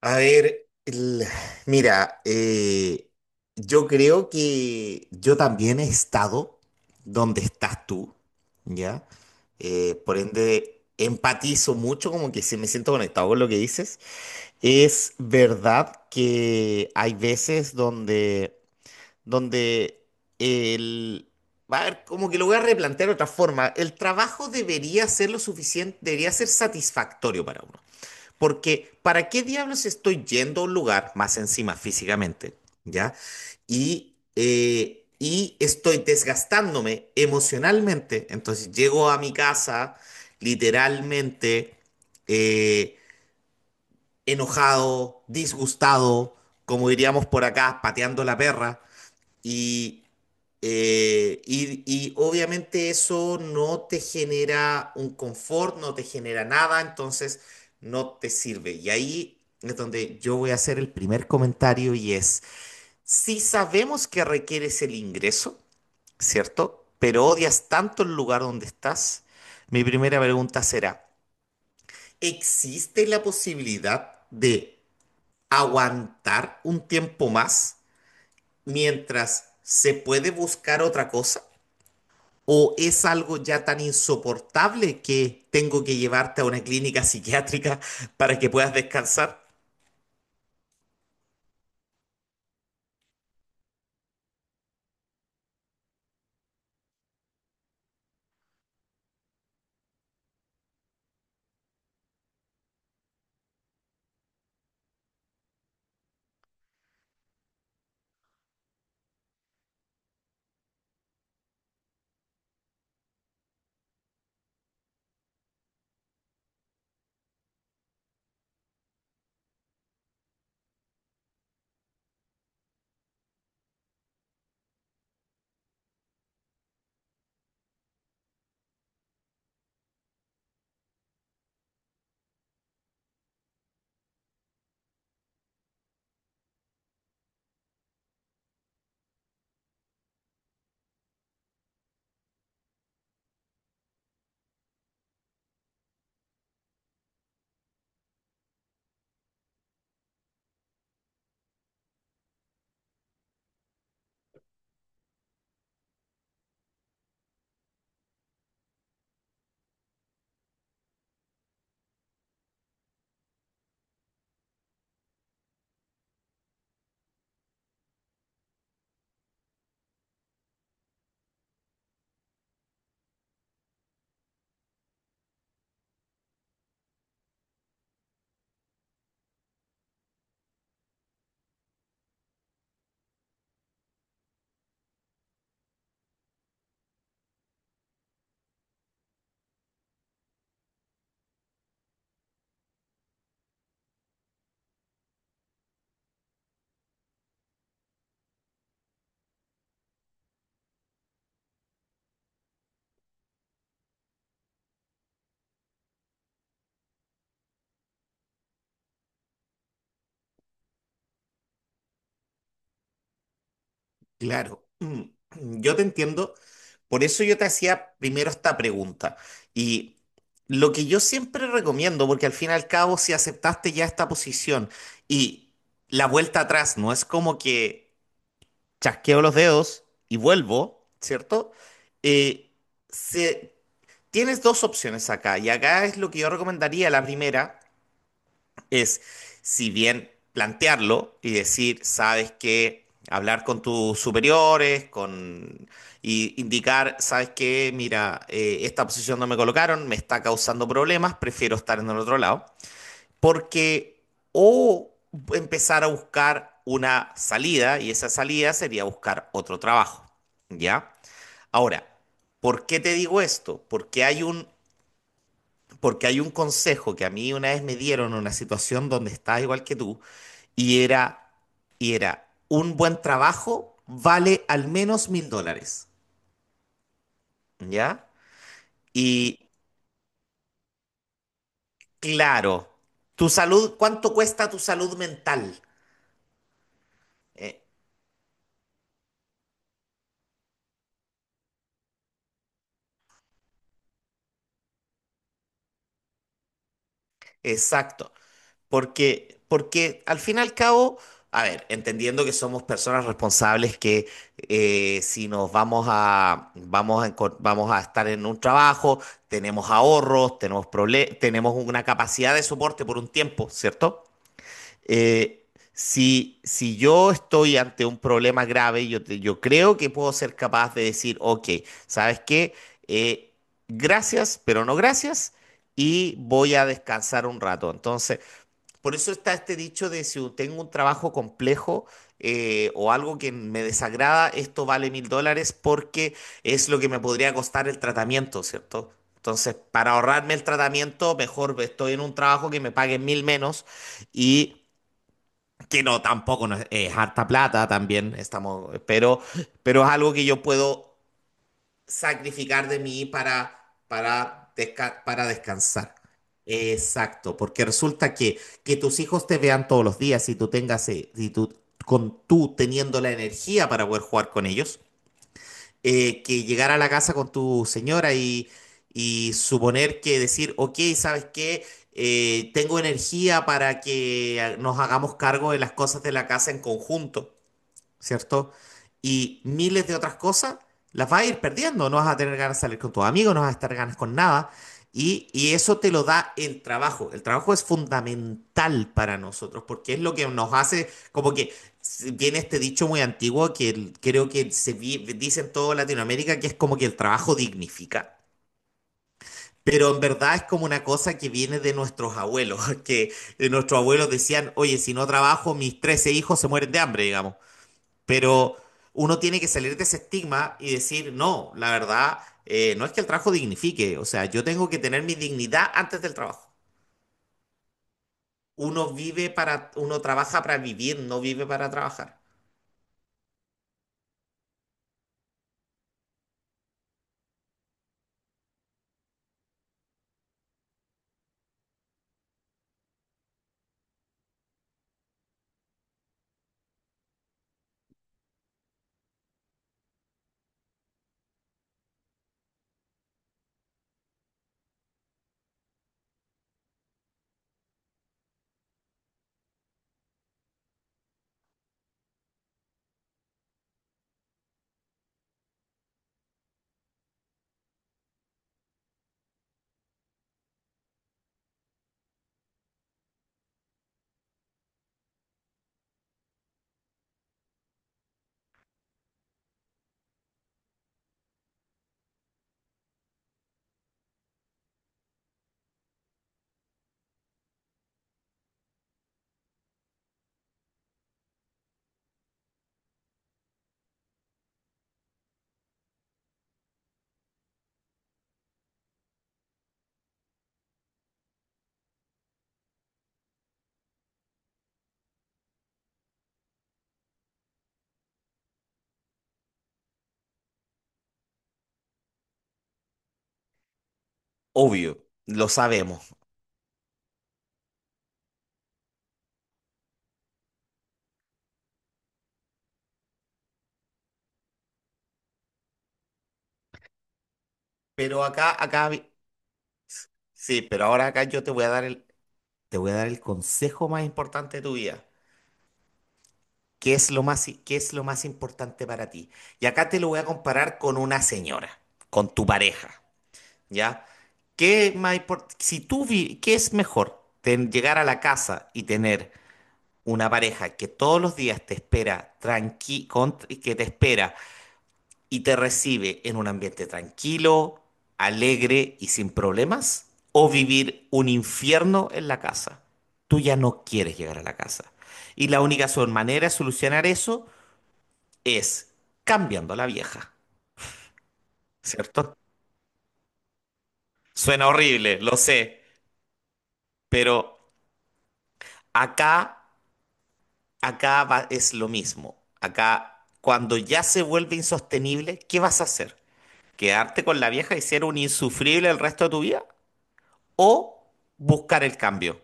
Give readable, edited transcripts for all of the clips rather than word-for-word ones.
A ver, mira, yo creo que yo también he estado donde estás tú, ¿ya? Por ende, empatizo mucho, como que sí me siento conectado con lo que dices. Es verdad que hay veces donde el... A ver, como que lo voy a replantear de otra forma. El trabajo debería ser lo suficiente, debería ser satisfactorio para uno. Porque, ¿para qué diablos estoy yendo a un lugar, más encima físicamente? ¿Ya? Y estoy desgastándome emocionalmente. Entonces llego a mi casa literalmente, eh, enojado, disgustado, como diríamos por acá, pateando la perra. Y, eh, y, y obviamente eso no te genera un confort, no te genera nada, entonces no te sirve. Y ahí es donde yo voy a hacer el primer comentario, y es, si sabemos que requieres el ingreso, ¿cierto? Pero odias tanto el lugar donde estás, mi primera pregunta será: ¿existe la posibilidad de aguantar un tiempo más mientras se puede buscar otra cosa? ¿O es algo ya tan insoportable que tengo que llevarte a una clínica psiquiátrica para que puedas descansar? Claro, mm, yo te entiendo. Por eso yo te hacía primero esta pregunta. Y lo que yo siempre recomiendo, porque al fin y al cabo, si aceptaste ya esta posición y la vuelta atrás no es como que chasqueo los dedos y vuelvo, ¿cierto? Eh, se- tienes dos opciones acá. Y acá es lo que yo recomendaría. La primera es, si bien plantearlo y decir, sabes que, hablar con tus superiores, con, y indicar, sabes que, mira, esta posición no me colocaron, me está causando problemas, prefiero estar en el otro lado, porque, o empezar a buscar una salida, y esa salida sería buscar otro trabajo, ¿ya? Ahora, ¿por qué te digo esto? Porque hay un consejo que a mí una vez me dieron en una situación donde estaba igual que tú, y era, y era, un buen trabajo vale al menos $1.000, ¿ya? Y claro, tu salud, ¿cuánto cuesta tu salud mental? Eh, exacto, porque, porque al fin y al cabo, a ver, entendiendo que somos personas responsables que, si nos vamos a, vamos a, vamos a estar en un trabajo, tenemos ahorros, tenemos, tenemos una capacidad de soporte por un tiempo, ¿cierto? eh, si yo estoy ante un problema grave, yo creo que puedo ser capaz de decir: ok, ¿sabes qué? Eh, gracias, pero no gracias, y voy a descansar un rato. Entonces, por eso está este dicho de, si tengo un trabajo complejo, o algo que me desagrada, esto vale $1.000, porque es lo que me podría costar el tratamiento, ¿cierto? Entonces, para ahorrarme el tratamiento, mejor estoy en un trabajo que me paguen 1.000 menos. Y que no, tampoco no es, es harta plata también, estamos, pero es algo que yo puedo sacrificar de mí para, para descansar. Exacto, porque resulta que tus hijos te vean todos los días y tú tengas, con tú teniendo la energía para poder jugar con ellos, que llegar a la casa con tu señora, y suponer que decir: ok, ¿sabes qué? Tengo energía para que nos hagamos cargo de las cosas de la casa en conjunto, ¿cierto? Y miles de otras cosas las vas a ir perdiendo. No vas a tener ganas de salir con tus amigos, no vas a estar ganas con nada. Y eso te lo da el trabajo. El trabajo es fundamental para nosotros, porque es lo que nos hace, como que viene este dicho muy antiguo, que creo que dice en toda Latinoamérica, que es como que el trabajo dignifica. Pero en verdad es como una cosa que viene de nuestros abuelos, que nuestros abuelos decían: oye, si no trabajo, mis 13 hijos se mueren de hambre, digamos. Pero uno tiene que salir de ese estigma y decir: no, la verdad, no es que el trabajo dignifique, o sea, yo tengo que tener mi dignidad antes del trabajo. Uno vive para, uno trabaja para vivir, no vive para trabajar. Obvio, lo sabemos. Pero acá, acá, vi- sí, pero ahora acá yo te voy a dar el consejo más importante de tu vida. ¿Qué es lo más importante para ti? Y acá te lo voy a comparar con una señora, con tu pareja. ¿Ya? ¿Qué más import- Si tú vi- ¿qué es mejor? Llegar a la casa y tener una pareja que todos los días te espera tranqui con- que te espera y te recibe en un ambiente tranquilo, alegre y sin problemas, o vivir un infierno en la casa. Tú ya no quieres llegar a la casa. Y la única manera de solucionar eso es cambiando a la vieja, ¿cierto? Suena horrible, lo sé, pero acá, acá es lo mismo. Acá, cuando ya se vuelve insostenible, ¿qué vas a hacer? ¿Quedarte con la vieja y ser un insufrible el resto de tu vida? ¿O buscar el cambio?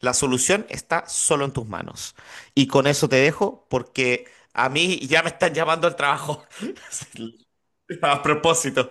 La solución está solo en tus manos. Y con eso te dejo porque a mí ya me están llamando al trabajo. A propósito.